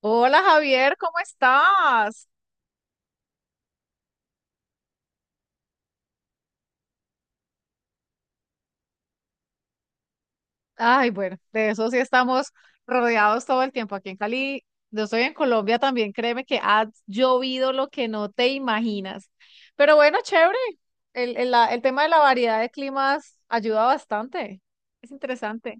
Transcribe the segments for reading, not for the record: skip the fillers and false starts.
Hola Javier, ¿cómo estás? Ay, bueno, de eso sí estamos rodeados todo el tiempo aquí en Cali. Yo estoy en Colombia también, créeme que ha llovido lo que no te imaginas. Pero bueno, chévere. El tema de la variedad de climas ayuda bastante. Es interesante.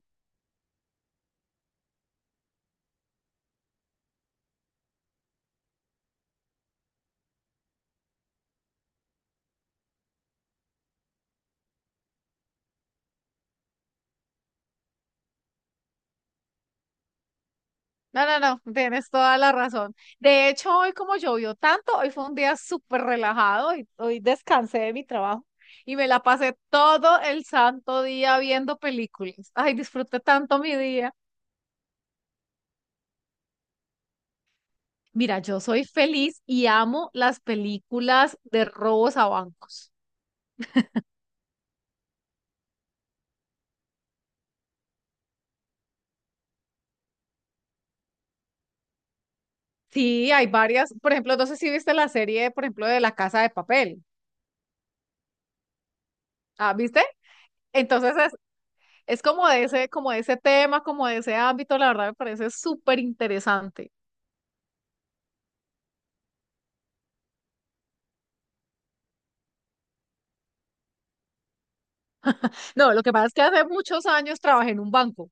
No, no, no, tienes toda la razón. De hecho, hoy como llovió tanto, hoy fue un día súper relajado y hoy descansé de mi trabajo y me la pasé todo el santo día viendo películas. Ay, disfruté tanto mi día. Mira, yo soy feliz y amo las películas de robos a bancos. Sí, hay varias. Por ejemplo, no sé si viste la serie, por ejemplo, de La Casa de Papel. Ah, ¿viste? Entonces es, es como de ese tema, como de ese ámbito, la verdad me parece súper interesante. No, lo que pasa es que hace muchos años trabajé en un banco.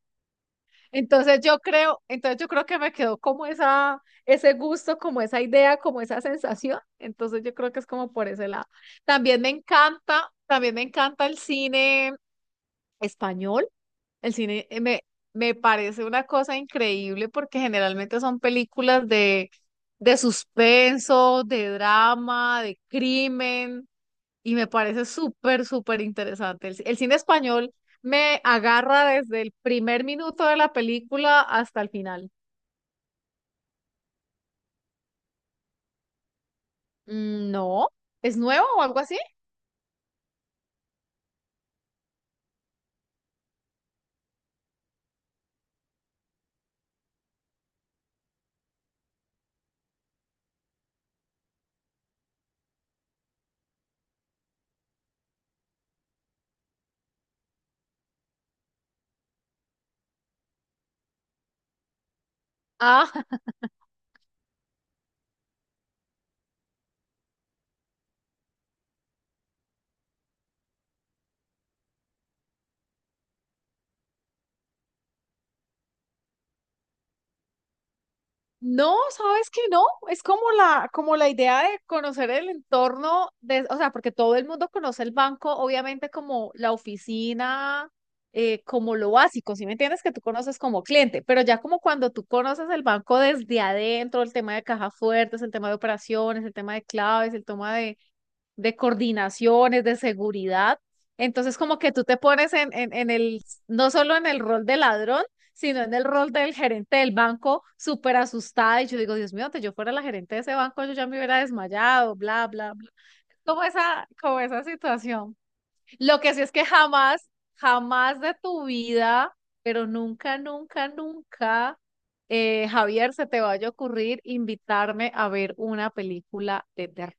Entonces yo creo que me quedó como esa, ese gusto, como esa idea, como esa sensación. Entonces yo creo que es como por ese lado. También me encanta el cine español. El cine me parece una cosa increíble porque generalmente son películas de suspenso, de drama, de crimen y me parece súper, súper interesante. El cine español me agarra desde el primer minuto de la película hasta el final. Mm, no, ¿es nuevo o algo así? Ah, No, sabes que no, es como la idea de conocer el entorno de, o sea, porque todo el mundo conoce el banco, obviamente como la oficina, como lo básico, ¿sí me entiendes? Que tú conoces como cliente, pero ya como cuando tú conoces el banco desde adentro, el tema de caja fuertes, el tema de operaciones, el tema de claves, el tema de coordinaciones, de seguridad. Entonces, como que tú te pones en no solo en el rol de ladrón, sino en el rol del gerente del banco, súper asustada. Y yo digo, Dios mío, antes yo fuera la gerente de ese banco, yo ya me hubiera desmayado, bla, bla, bla. Como esa situación. Lo que sí es que jamás, jamás de tu vida, pero nunca, nunca, nunca, Javier, se te vaya a ocurrir invitarme a ver una película de terror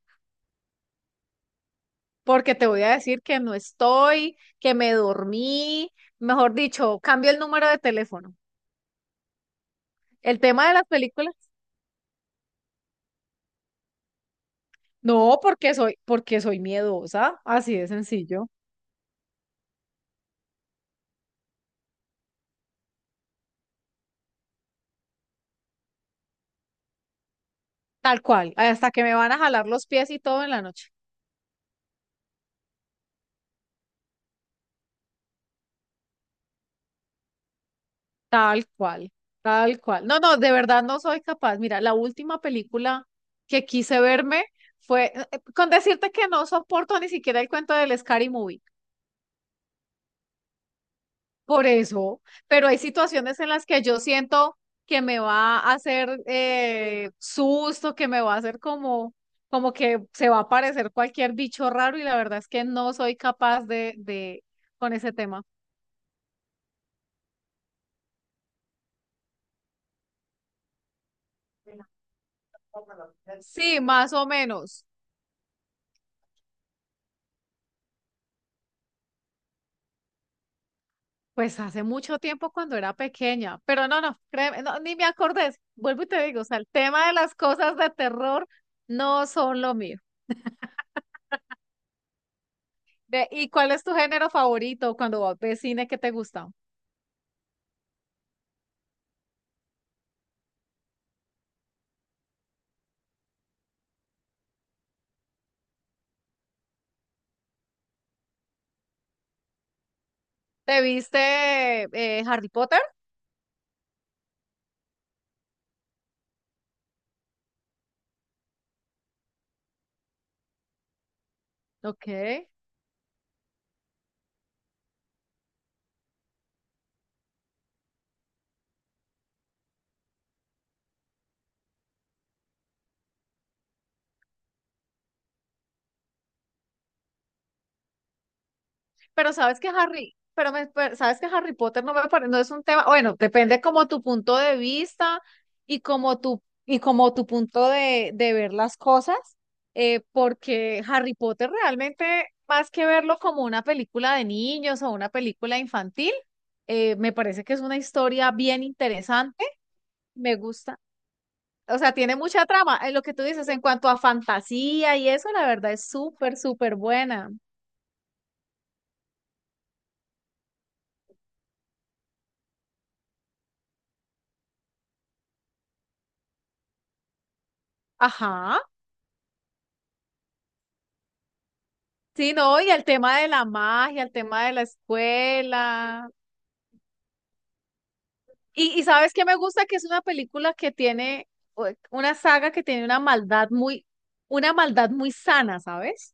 porque te voy a decir que no estoy, que me dormí, mejor dicho, cambio el número de teléfono. El tema de las películas, no, porque soy miedosa, así de sencillo, tal cual, hasta que me van a jalar los pies y todo en la noche, tal cual, tal cual. No, no, de verdad no soy capaz. Mira, la última película que quise verme fue, con decirte que no soporto ni siquiera el cuento del Scary Movie. Por eso, pero hay situaciones en las que yo siento que me va a hacer susto, que me va a hacer como, como que se va a aparecer cualquier bicho raro y la verdad es que no soy capaz de con ese tema. Sí, más o menos. Pues hace mucho tiempo cuando era pequeña, pero no, no, créeme, no, ni me acordé. Vuelvo y te digo, o sea, el tema de las cosas de terror no son lo mío. Ve, ¿y cuál es tu género favorito cuando ves cine que te gusta? ¿Te viste Harry Potter? Ok. Pero sabes que Harry, pero, pero sabes que Harry Potter no me parece, no es un tema, bueno, depende como tu punto de vista y como tu punto de ver las cosas, porque Harry Potter realmente, más que verlo como una película de niños o una película infantil, me parece que es una historia bien interesante. Me gusta. O sea, tiene mucha trama. En lo que tú dices, en cuanto a fantasía y eso, la verdad es súper, súper buena. Ajá. Sí, no, y el tema de la magia, el tema de la escuela. Y sabes qué me gusta que es una película que tiene una saga que tiene una maldad muy sana, ¿sabes?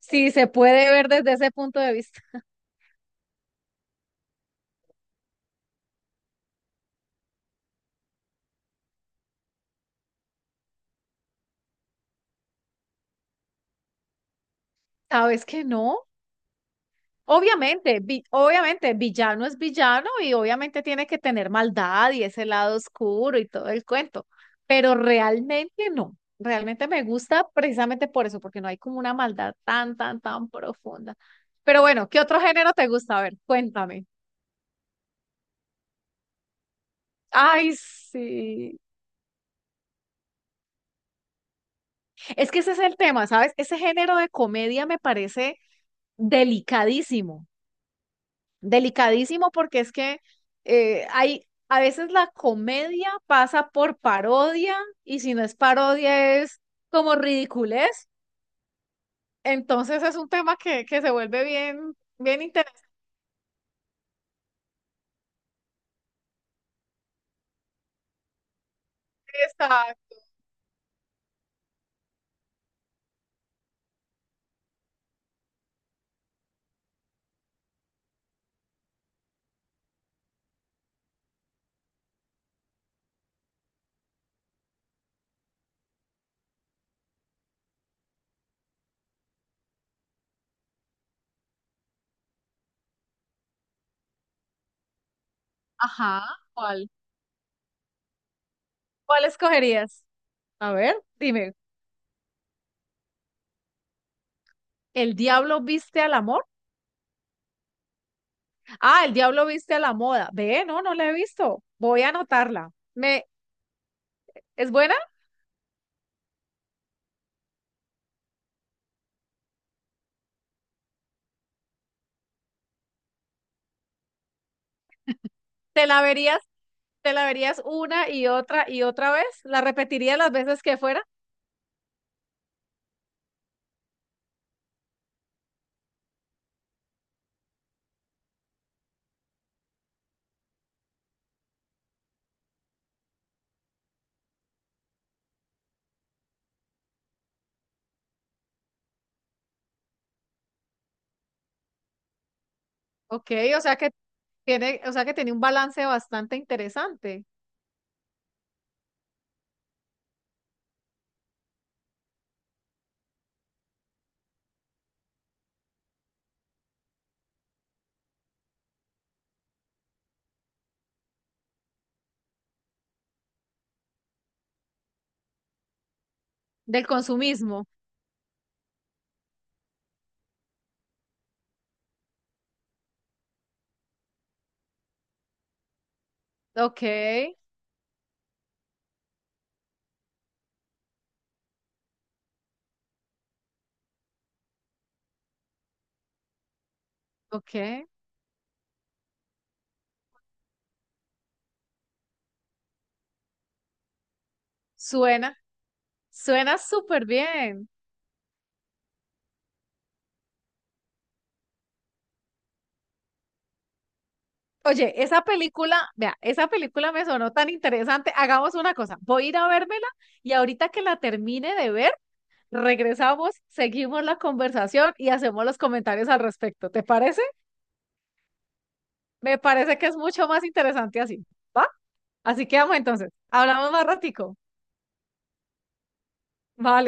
Sí, se puede ver desde ese punto de vista. ¿Sabes que no? Obviamente, obviamente, villano es villano y obviamente tiene que tener maldad y ese lado oscuro y todo el cuento, pero realmente no, realmente me gusta precisamente por eso, porque no hay como una maldad tan, tan, tan profunda. Pero bueno, ¿qué otro género te gusta? A ver, cuéntame. Ay, sí. Es que ese es el tema, ¿sabes? Ese género de comedia me parece delicadísimo. Delicadísimo porque es que hay, a veces la comedia pasa por parodia y si no es parodia es como ridiculez. Entonces es un tema que se vuelve bien, bien interesante. Ajá, ¿cuál? ¿Cuál escogerías? A ver, dime. ¿El diablo viste al amor? Ah, el diablo viste a la moda. Ve, no, no la he visto. Voy a anotarla. Me, ¿es buena? ¿Te la verías, te la verías una y otra vez? ¿La repetirías las veces que fuera? Ok, o sea que tiene, o sea que tiene un balance bastante interesante del consumismo. Ok, ok. Suena, suena súper bien. Oye, esa película, vea, esa película me sonó tan interesante. Hagamos una cosa, voy a ir a vérmela y ahorita que la termine de ver, regresamos, seguimos la conversación y hacemos los comentarios al respecto. ¿Te parece? Me parece que es mucho más interesante así, ¿va? Así quedamos entonces. Hablamos más ratico. Vale.